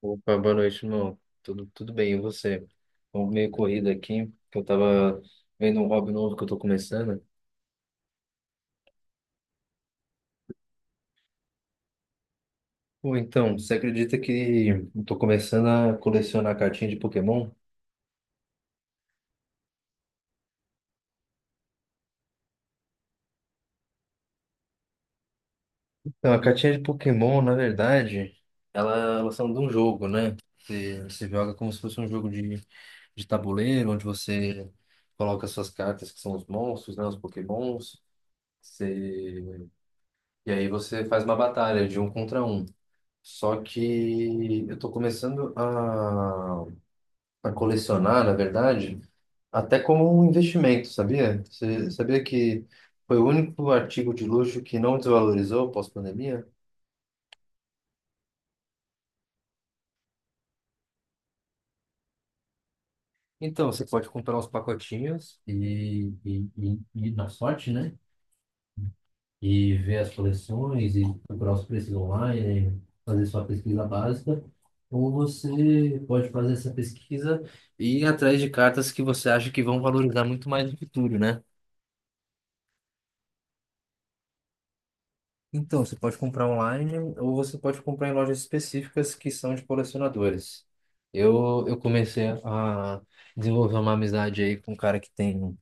Opa, boa noite, irmão. Tudo bem, e você? Bom, meio corrido aqui, que eu tava vendo um hobby novo que eu tô começando. Pô, então, você acredita que eu tô começando a colecionar cartinha de Pokémon? Então, a cartinha de Pokémon, na verdade, elas são de um jogo, né? Você joga como se fosse um jogo de tabuleiro, onde você coloca suas cartas, que são os monstros, né? Os Pokémons. Você... E aí você faz uma batalha de um contra um. Só que eu estou começando a colecionar, na verdade, até como um investimento, sabia? Você sabia que foi o único artigo de luxo que não desvalorizou pós-pandemia? Então, você pode comprar uns pacotinhos e na sorte, né? E ver as coleções e procurar os preços online, fazer sua pesquisa básica. Ou você pode fazer essa pesquisa e ir atrás de cartas que você acha que vão valorizar muito mais no futuro, né? Então, você pode comprar online ou você pode comprar em lojas específicas que são de colecionadores. Eu comecei a desenvolver uma amizade aí com um cara que tem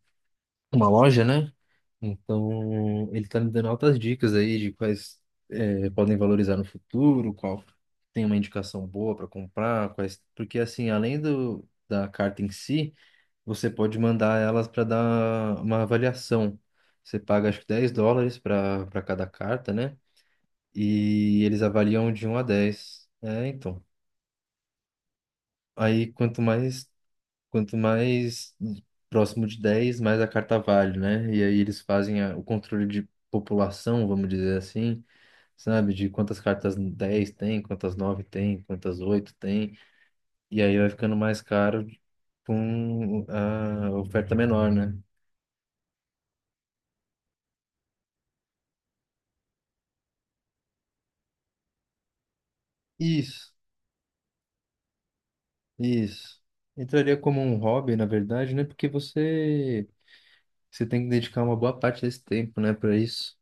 uma loja, né? Então, ele tá me dando altas dicas aí de quais podem valorizar no futuro, qual tem uma indicação boa para comprar, quais... Porque, assim, da carta em si, você pode mandar elas para dar uma avaliação. Você paga, acho que 10 dólares para cada carta, né? E eles avaliam de 1 a 10. É, então. Aí quanto mais próximo de 10, mais a carta vale, né? E aí eles fazem o controle de população, vamos dizer assim, sabe? De quantas cartas 10 tem, quantas 9 tem, quantas 8 tem. E aí vai ficando mais caro com a oferta menor, né? Isso, isso. Entraria como um hobby, na verdade, né? Porque você tem que dedicar uma boa parte desse tempo, né, para isso.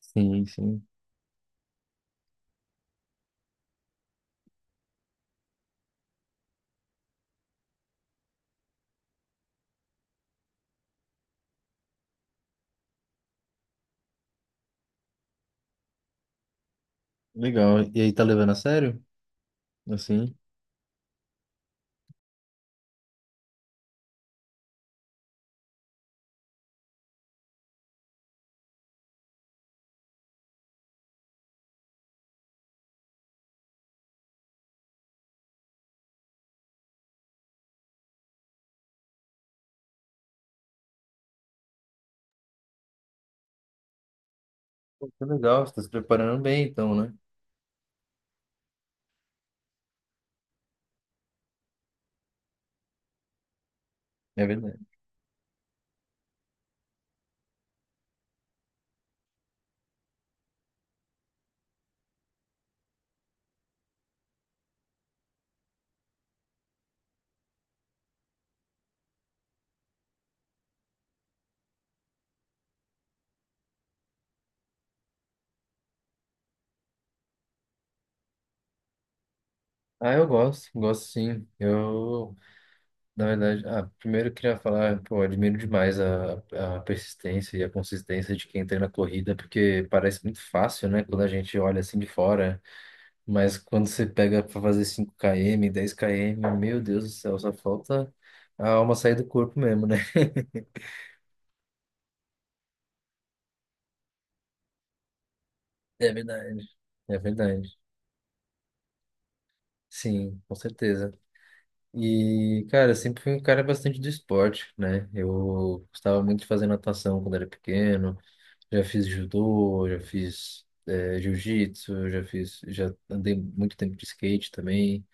Sim, sim. Legal. E aí, tá levando a sério? Assim? Pô, que legal, você tá se preparando bem, então, né? É verdade. Ah, eu gosto, gosto sim. Eu, na verdade, ah, primeiro eu queria falar, pô, admiro demais a persistência e a consistência de quem treina corrida, porque parece muito fácil, né, quando a gente olha assim de fora, mas quando você pega pra fazer 5 km, 10 km, meu Deus do céu, só falta a alma sair do corpo mesmo, né? É verdade. É verdade. Sim, com certeza. E, cara, eu sempre fui um cara bastante do esporte, né? Eu gostava muito de fazer natação quando era pequeno, já fiz judô, já fiz jiu-jitsu, já andei muito tempo de skate também.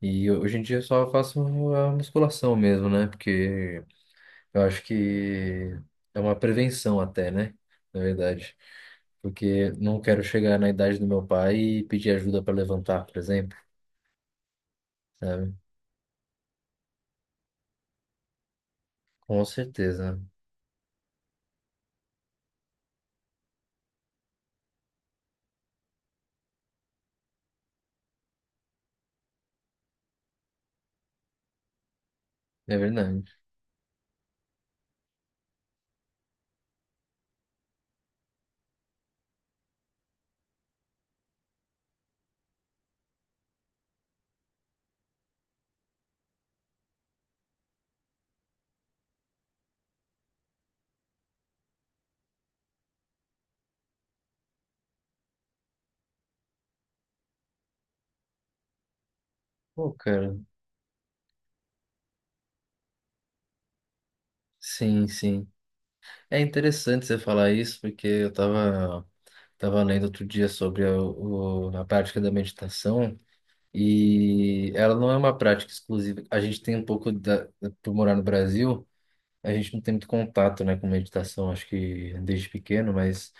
E hoje em dia eu só faço a musculação mesmo, né? Porque eu acho que é uma prevenção até, né? Na verdade. Porque não quero chegar na idade do meu pai e pedir ajuda para levantar, por exemplo, sabe? Com certeza, é verdade. Pô, cara. Sim, sim. É interessante você falar isso, porque eu estava tava lendo outro dia sobre a prática da meditação e ela não é uma prática exclusiva. A gente tem um pouco, da, por morar no Brasil, a gente não tem muito contato, né, com meditação, acho que desde pequeno, mas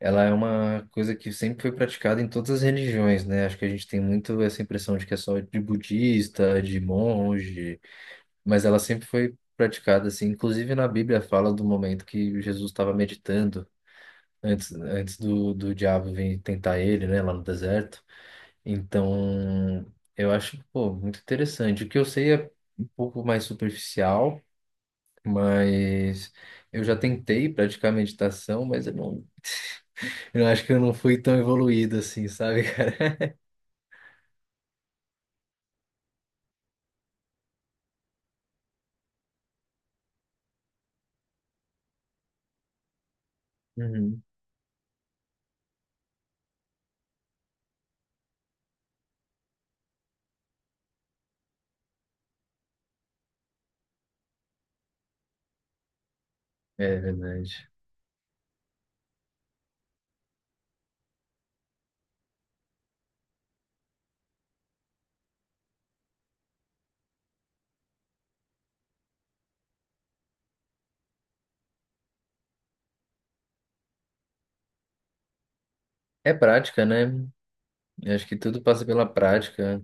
ela é uma coisa que sempre foi praticada em todas as religiões, né? Acho que a gente tem muito essa impressão de que é só de budista, de monge, mas ela sempre foi praticada assim. Inclusive na Bíblia fala do momento que Jesus estava meditando antes do diabo vir tentar ele, né, lá no deserto. Então, eu acho, pô, muito interessante. O que eu sei é um pouco mais superficial, mas eu já tentei praticar meditação, mas eu acho que eu não fui tão evoluído assim, sabe? Uhum. É verdade. É prática, né? Eu acho que tudo passa pela prática.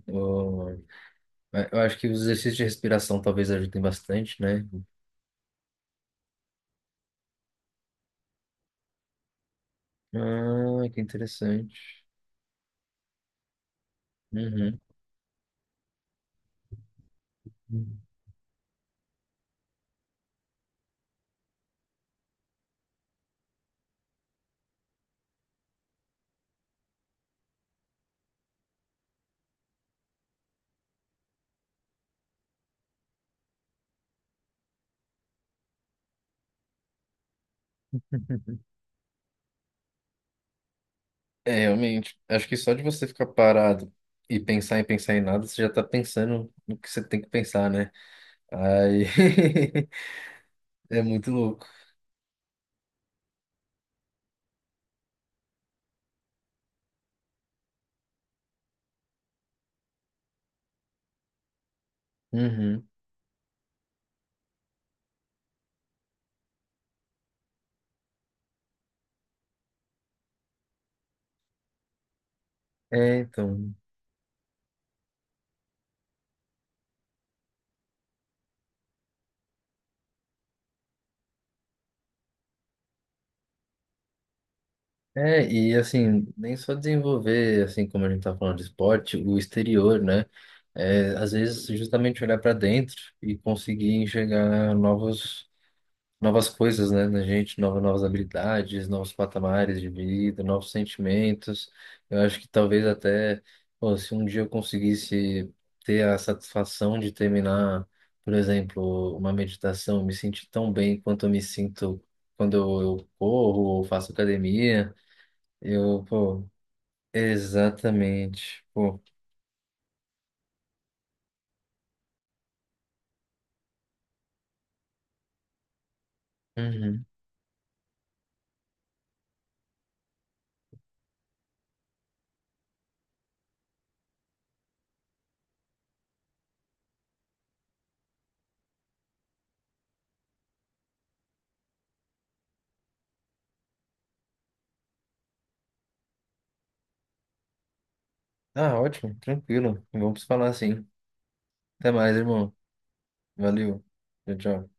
Eu acho que os exercícios de respiração talvez ajudem bastante, né? Ah, que interessante. Uhum. É, realmente. Acho que só de você ficar parado e pensar em nada, você já tá pensando no que você tem que pensar, né? Aí é muito louco. Uhum. É, então. É, e assim, nem só desenvolver, assim, como a gente tá falando de esporte, o exterior, né? É, às vezes, justamente olhar para dentro e conseguir enxergar novos. Novas coisas, né, na gente, novas, novas habilidades, novos patamares de vida, novos sentimentos. Eu acho que talvez até, pô, se um dia eu conseguisse ter a satisfação de terminar, por exemplo, uma meditação, me sentir tão bem quanto eu me sinto quando eu corro ou faço academia, eu, pô, exatamente, pô. Uhum. Ah, ótimo, tranquilo. Vamos falar assim. Até mais, irmão. Valeu. Tchau, tchau.